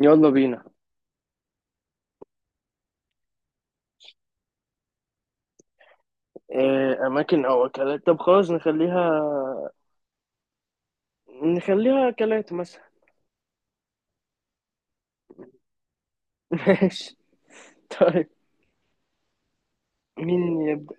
يلا بينا. إيه أماكن أو أكلات؟ طب خلاص نخليها، نخليها أكلات مثلا. ماشي. طيب مين يبدأ؟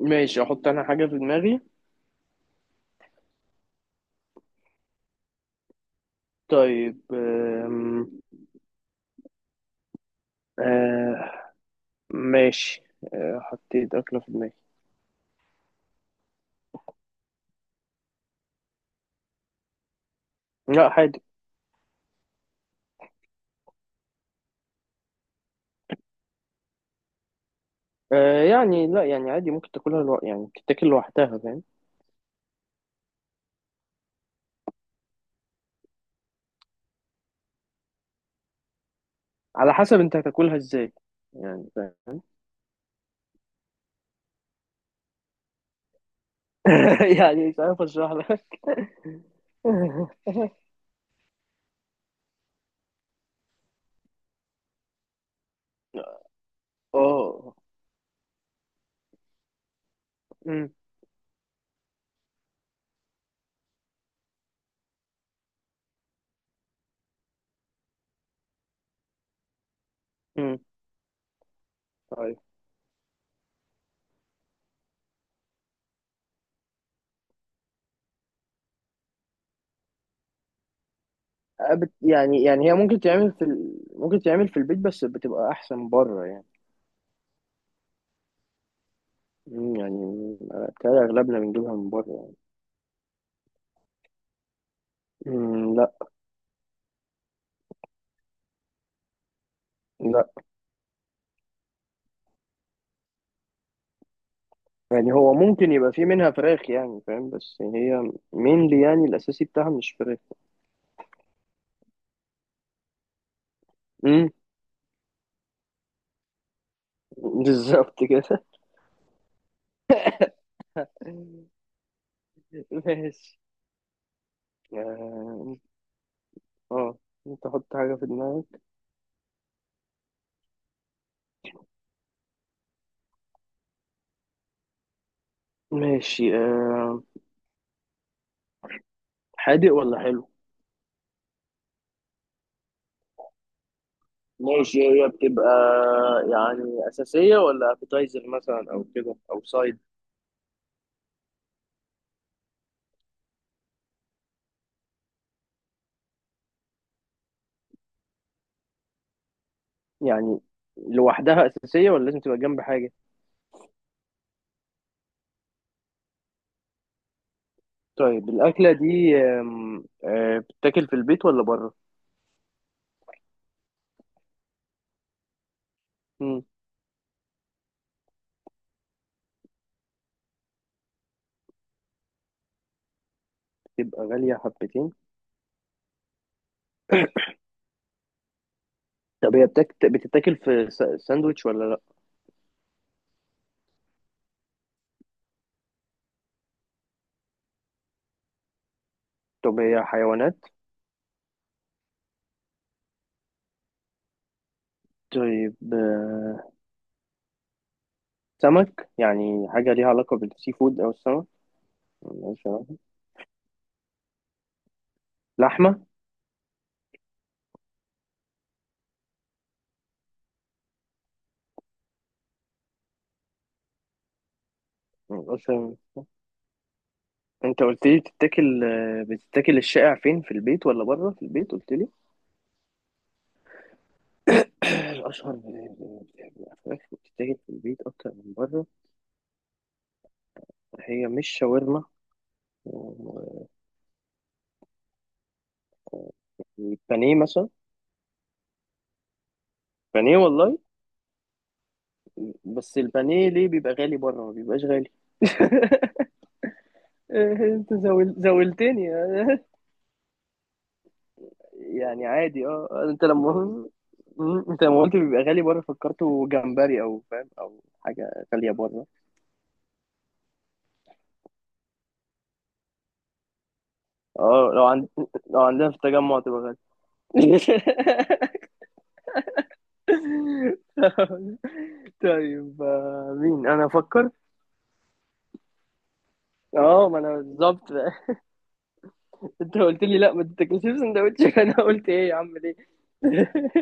ماشي أحط أنا حاجة في دماغي. طيب آه ماشي. آه حطيت أكلة في دماغي. لا عادي. آه يعني لا يعني عادي، ممكن تاكلها يعني تتاكل لوحدها، فاهم؟ على حسب أنت هتاكلها إزاي، يعني فاهم. يعني مش عارف أشرح لك. اه. أمم، أمم. طيب. يعني هي ممكن تعمل ممكن تعمل في البيت، بس بتبقى احسن بره يعني. يعني بتهيألي اغلبنا بنجيبها من بره يعني. لا. لا يعني هو ممكن يبقى في منها فراخ يعني فاهم، بس هي مينلي يعني الاساسي بتاعها مش فراخ. مم، بالظبط كده. ماشي. اه آه، انت حط حاجة في دماغك. ماشي حادق ولا حلو؟ ماشي هي بتبقى يعني أساسية ولا أبيتايزر مثلا، أو كده أو سايد؟ يعني لوحدها أساسية ولا لازم تبقى جنب حاجة؟ طيب الأكلة دي آم، آه، بتتاكل في البيت ولا بره؟ مم، تبقى غالية حبتين؟ طب بتتاكل في ساندويتش ولا لأ؟ طب هي حيوانات؟ طيب سمك يعني؟ حاجة ليها علاقة بالسي فود أو السمك؟ ملهاش علاقة. لحمة. ملهاش علاقة. أنت قلت لي بتتاكل الشائع فين؟ في البيت ولا بره؟ في البيت قلت لي. الأشهر الفراخ بتتاكل في البيت أكتر من بره. هي مش شاورما؟ و- البانيه مثلا. بانيه والله. بس البانيه ليه بيبقى غالي بره، ما بيبقاش غالي؟ انت زولتني يعني عادي. اه انت لما انت لما قلت بيبقى غالي بره، فكرته جمبري او فاهم، او حاجه غاليه بره. اه لو عندنا في التجمع تبقى غالي. طيب مين؟ انا افكر. اه ما انا بالظبط. انت قلت لي لا ما تتاكلش في سندوتش، فانا قلت ايه يا عم ليه؟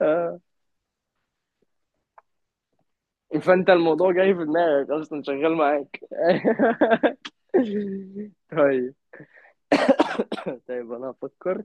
آه. فانت الموضوع جاي في دماغك اصلا، شغال معاك. طيب. طيب انا هفكر.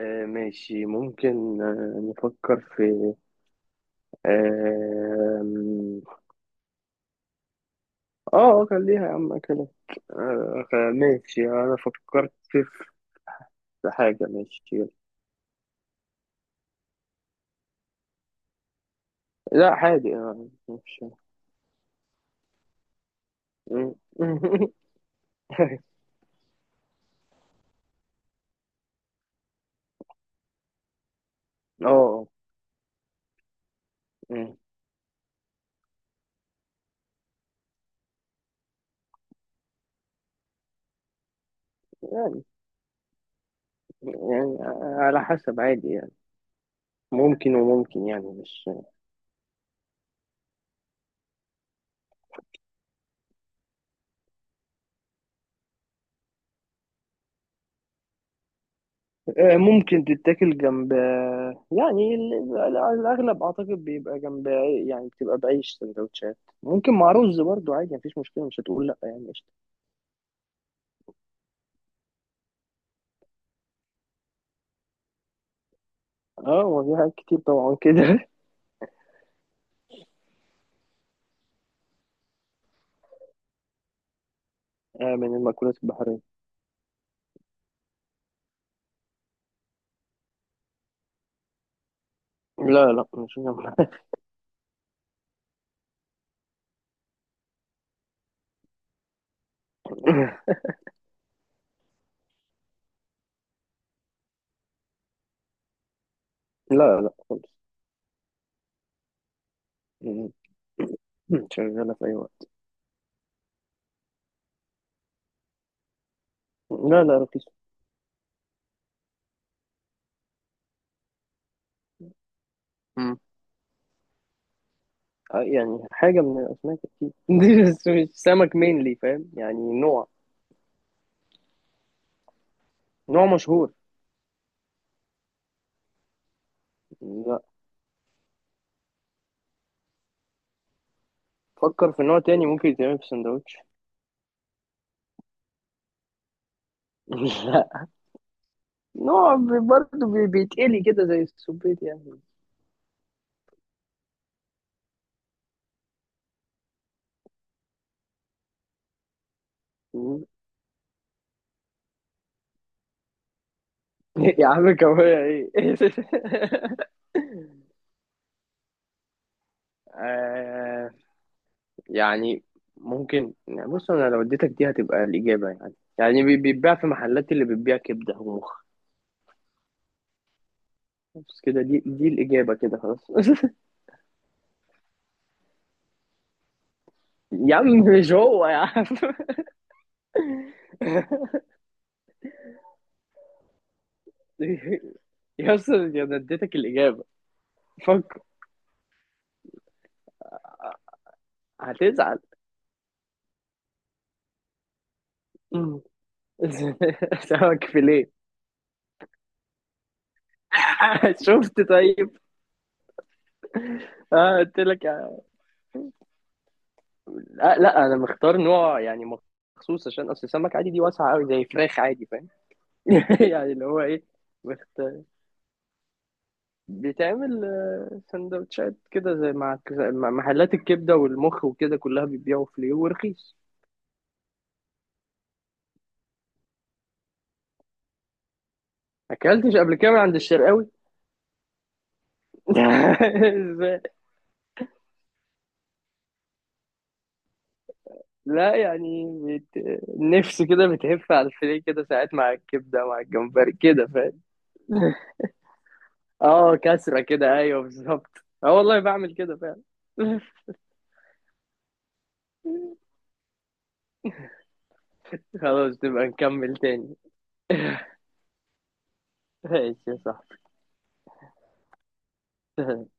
آه ماشي، ممكن آه نفكر في آم، اه خليها يا عم كده. آه ماشي، انا فكرت في في حاجة. ماشي يلا. لا حاجة مش م-. اه م-. يعني يعني على حسب، عادي يعني. ممكن وممكن، يعني مش ممكن تتاكل جنب يعني الأغلب أعتقد بيبقى جنب يعني بتبقى بعيش سندوتشات. ممكن مع رز برضو عادي، مفيش مشكلة، مش هتقول لأ يعني، قشطة. اه هو في حاجات كتير طبعا كده. من المأكولات البحرية. لا لا، مش جنب. لا لا خالص. م-. م. شغالة في أي وقت. لا لا، رخيصة. م. يعني حاجة من الأسماك أكيد، بس مش سمك مينلي، فاهم؟ يعني نوع. نوع مشهور. لا. فكر في نوع تاني ممكن يتعمل في سندوتش. لا. نوع برضه بيتقلي كده زي السبيت يعني. مم. يا عم كوارع ايه؟ آه. يعني ممكن، يعني بص، انا لو اديتك دي هتبقى الاجابه، يعني يعني بيتباع في محلات اللي بتبيع كبده ومخ. بس كده، دي الاجابه كده خلاص. يا عم، مش هو يا عم. يا اسطى، انا اديتك الاجابه. فك. هتزعل؟ سمك فيليه. شفت؟ طيب اه قلت لك يعني. لا لا، انا مختار نوع يعني مخصوص، عشان اصل السمك عادي دي واسعه قوي زي فراخ عادي، فاهم؟ يعني اللي هو ايه؟ مختار. بيتعمل سندوتشات كده، زي مع زي مع محلات الكبده والمخ وكده، كلها بيبيعوا فيليه ورخيص. ما اكلتش قبل كده من عند الشرقاوي؟ إزاي؟ لا يعني بت... النفس كده بتهف على الفيليه كده ساعات، مع الكبده مع الجمبري كده، فاهم. اه كسره كده، ايوه بالظبط. اه والله بعمل كده فعلا. خلاص نبقى نكمل تاني. ماشي يا صاحبي.